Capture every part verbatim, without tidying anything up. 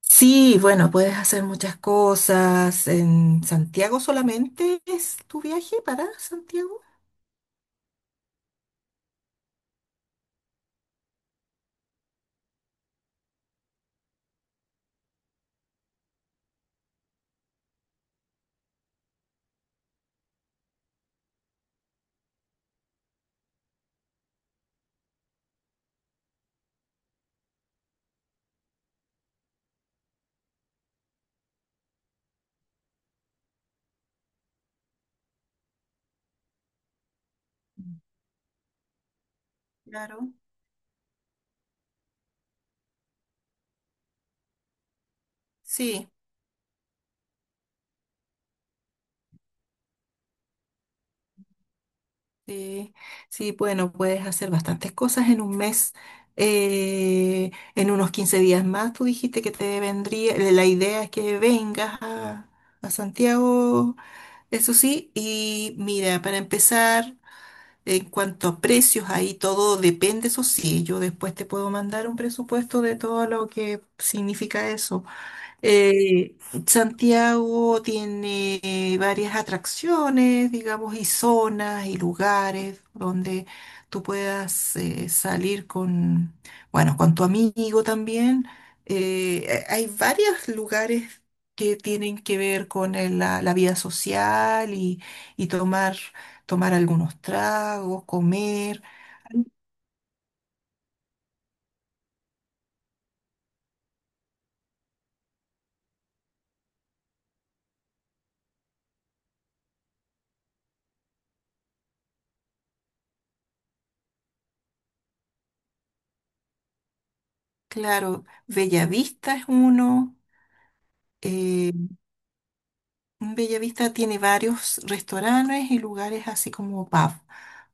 Sí, bueno, puedes hacer muchas cosas. ¿En Santiago solamente es tu viaje para Santiago? Claro. Sí, sí, sí, bueno, puedes hacer bastantes cosas en un mes. Eh, en unos quince días más, tú dijiste que te vendría, eh, la idea es que vengas a, a Santiago, eso sí, y mira, para empezar. En cuanto a precios, ahí todo depende, eso sí, yo después te puedo mandar un presupuesto de todo lo que significa eso. Eh, Santiago tiene eh, varias atracciones, digamos, y zonas y lugares donde tú puedas eh, salir con, bueno, con tu amigo también. Eh, hay varios lugares que tienen que ver con el- la, la vida social y, y tomar, tomar algunos tragos, comer. Claro, Bellavista es uno. eh, Bellavista tiene varios restaurantes y lugares así como pub,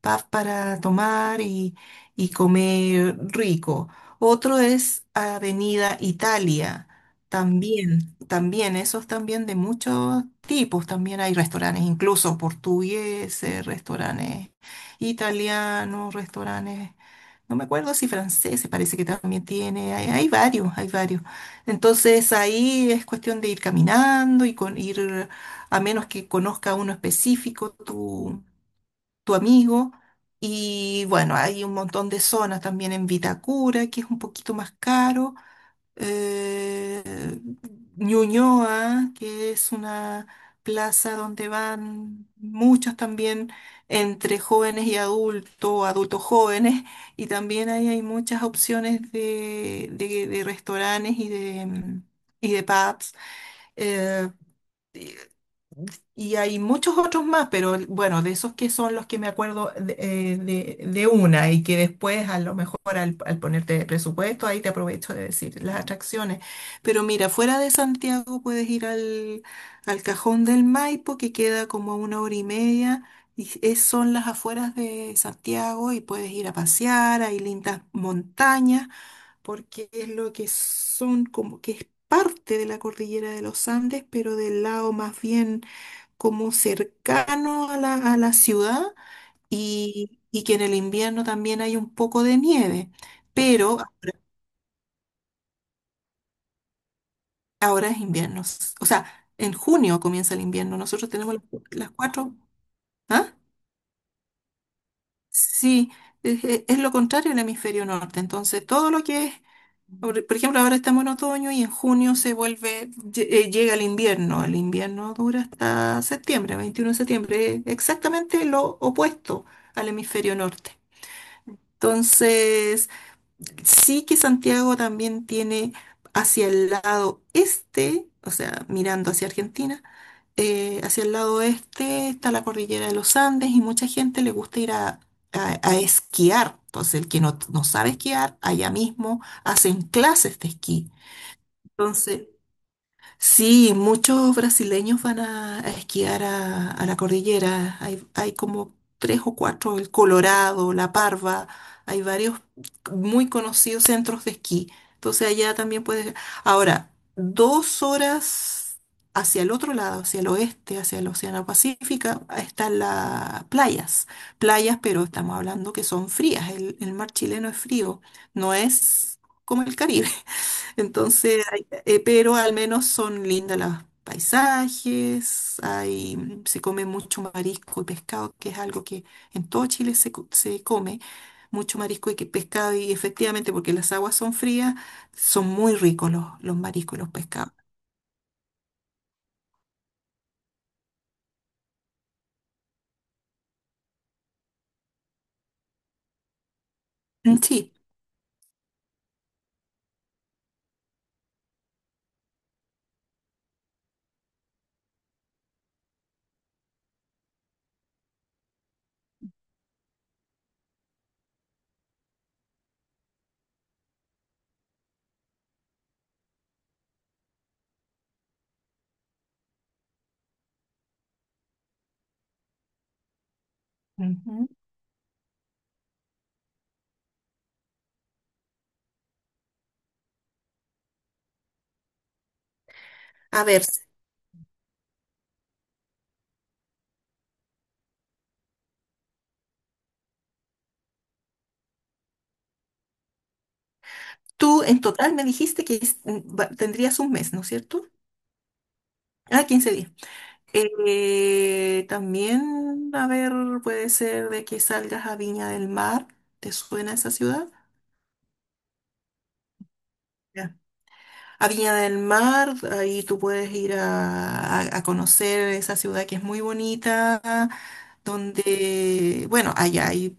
pub para tomar y, y comer rico. Otro es Avenida Italia, también, también, esos también de muchos tipos, también hay restaurantes, incluso portugueses, restaurantes italianos, restaurantes, no me acuerdo si franceses, parece que también tiene, hay hay varios, hay varios. Entonces ahí es cuestión de ir caminando y con ir a menos que conozca a uno específico, tu, tu amigo. Y bueno, hay un montón de zonas también en Vitacura, que es un poquito más caro. eh, Ñuñoa, que es una plaza donde van muchos también entre jóvenes y adultos, adultos jóvenes, y también ahí hay muchas opciones de, de- de restaurantes y de, mm, y de pubs. Eh, y hay muchos otros más, pero bueno, de esos que son los que me acuerdo de, eh, de- de una y que después a lo mejor al, al ponerte presupuesto, ahí te aprovecho de decir las atracciones. Pero mira, fuera de Santiago puedes ir al, al Cajón del Maipo, que queda como a una hora y media, y es- son las afueras de Santiago y puedes ir a pasear, hay lindas montañas, porque es lo que son como que es parte de la cordillera de los Andes, pero del lado más bien como cercano a la, a la ciudad y, y que en el invierno también hay un poco de nieve, pero ahora es invierno. s- O sea, en junio comienza el invierno. Nosotros tenemos las, cu- las cuatro. ¿Ah? Sí, es, es- es lo contrario del hemisferio norte. Entonces, todo lo que es, por por ejemplo, ahora estamos en otoño y en junio se vuelve, lle- eh, llega el invierno. El invierno dura hasta septiembre, veintiuno de septiembre, exactamente lo opuesto al hemisferio norte. Entonces, sí que Santiago también tiene hacia el lado este, o sea, mirando hacia Argentina, eh, hacia el lado este está la cordillera de los Andes y mucha gente le gusta ir a, a- a esquiar. Entonces, el que no, no sabe esquiar, allá mismo hacen clases de esquí. Entonces, sí, muchos brasileños van a, a esquiar a, a la cordillera. Hay, hay como tres o cuatro, el Colorado, La Parva, hay varios muy conocidos centros de esquí. Entonces allá también puedes. Ahora, dos horas hacia el otro lado, hacia el oeste, hacia el Océano Pacífico, están las playas. Playas, pero estamos hablando que son frías. El, el mar chileno es frío, no es como el Caribe. Entonces, hay- eh, pero al menos son lindas los paisajes, hay, mm, se come mucho marisco y pescado, que es algo que en todo Chile se, co- se come, mucho marisco y que- pescado, y efectivamente, porque las aguas son frías, son muy ricos los, los mariscos y los pescados. Mm, sí, ujú. A ver, tú en total me dijiste que es- mm, va- tendrías un mes, ¿no es cierto? Ah, quince días. Eh, también, a ver, puede ser de que salgas a Viña del Mar. ¿Te suena esa ciudad? Ya. A Viña del Mar, ahí tú puedes ir a, a- a conocer esa ciudad que es muy bonita, donde, bueno, allá hay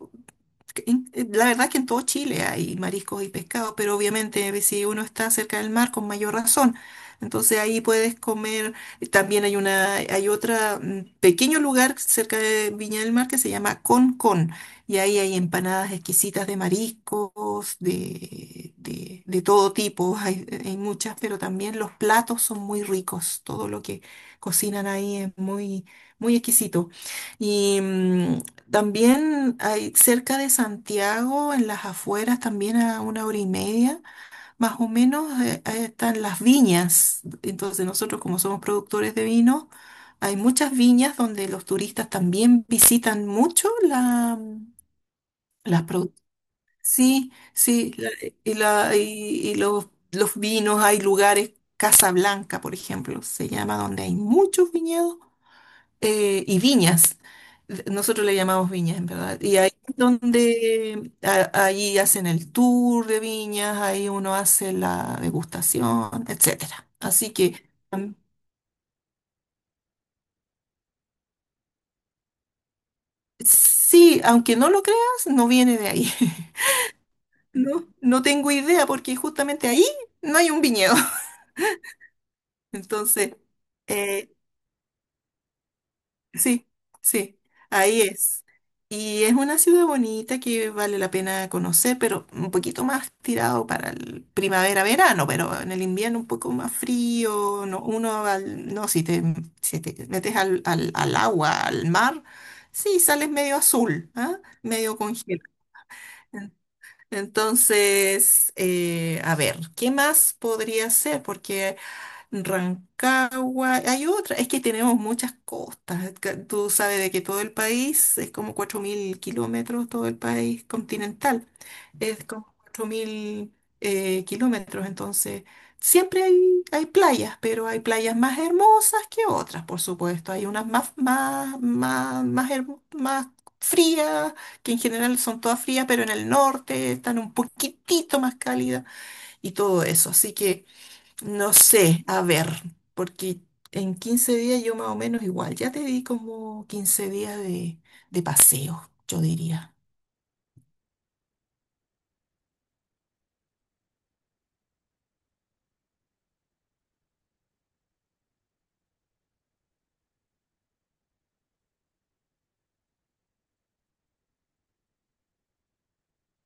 que en- eh, La verdad que en todo Chile hay mariscos y pescados, pero obviamente si uno está cerca del mar, con mayor razón. Entonces ahí puedes comer. eh, También hay una, hay otra mm, pequeño lugar cerca de Viña del Mar que se llama Con Con. Y ahí hay empanadas exquisitas de mariscos, de, de, de todo tipo. Hay, hay muchas, pero también los platos son muy ricos. Todo lo que cocinan ahí es muy, muy exquisito. Y, mm, también hay cerca de Santiago, en las afueras, también a una hora y media, más o menos, eh, ahí están las viñas. Entonces nosotros como somos productores de vino, hay muchas viñas donde los turistas también visitan mucho la, las produ- sí, sí, la- y, la, y, y los, los vinos, hay lugares, Casa Blanca, por ejemplo, se llama, donde hay muchos viñedos eh, y viñas. Nosotros le llamamos viñas, en verdad. Y ahí es donde a- ahí hacen el tour de viñas, ahí uno hace la degustación, etcétera. Así que mm, sí, aunque no lo creas, no viene de ahí. No, no tengo idea porque justamente ahí no hay un viñedo. Entonces, eh, sí, sí, ahí es. Y es una ciudad bonita que vale la pena conocer, pero un poquito más tirado para el primavera-verano, pero en el invierno un poco más frío, no, uno va al- no, si te, si te metes al, al, al agua, al mar, sí, sales medio azul, ¿ah? Medio congelado. En- Entonces, eh, a ver, ¿qué más podría ser? Porque Rancagua, hay otra, es que tenemos muchas costas, ca- tú sabes de que todo el país es como cuatro mil kilómetros, todo el país continental es como cuatro mil eh, kilómetros, entonces siempre hay, hay playas, pero hay playas más hermosas que otras, por supuesto, hay unas más, más, más, más, hermo- más frías, que en general son todas frías, pero en el norte están un poquitito más cálidas y todo eso, así que. No sé, a ver, porque en quince días yo más o menos igual, ya te di como quince días de, de paseo, yo diría.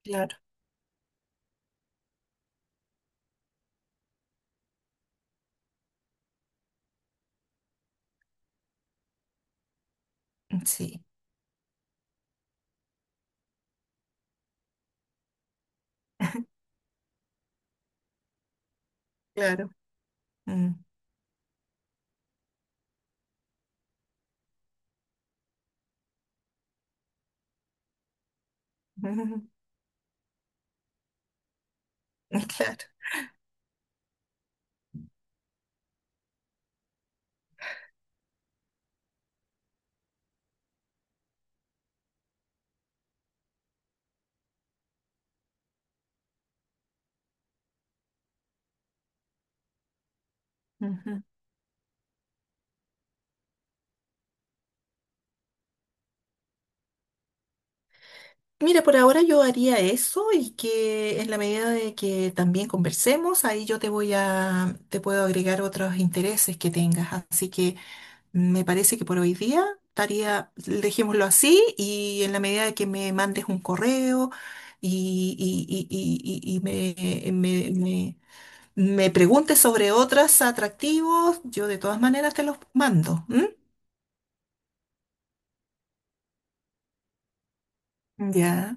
Claro. Sí, claro. Mm. Claro. Ujú. Mira, por ahora yo haría eso y que en la medida de que también conversemos, ahí yo te voy a, te puedo agregar otros intereses que tengas. Así que me parece que por hoy día estaría, dejémoslo así y en la medida de que me mandes un correo y, y- y- y- y- y me, me, me- me preguntes sobre otros atractivos, yo de todas maneras te los mando. ¿M? Ya.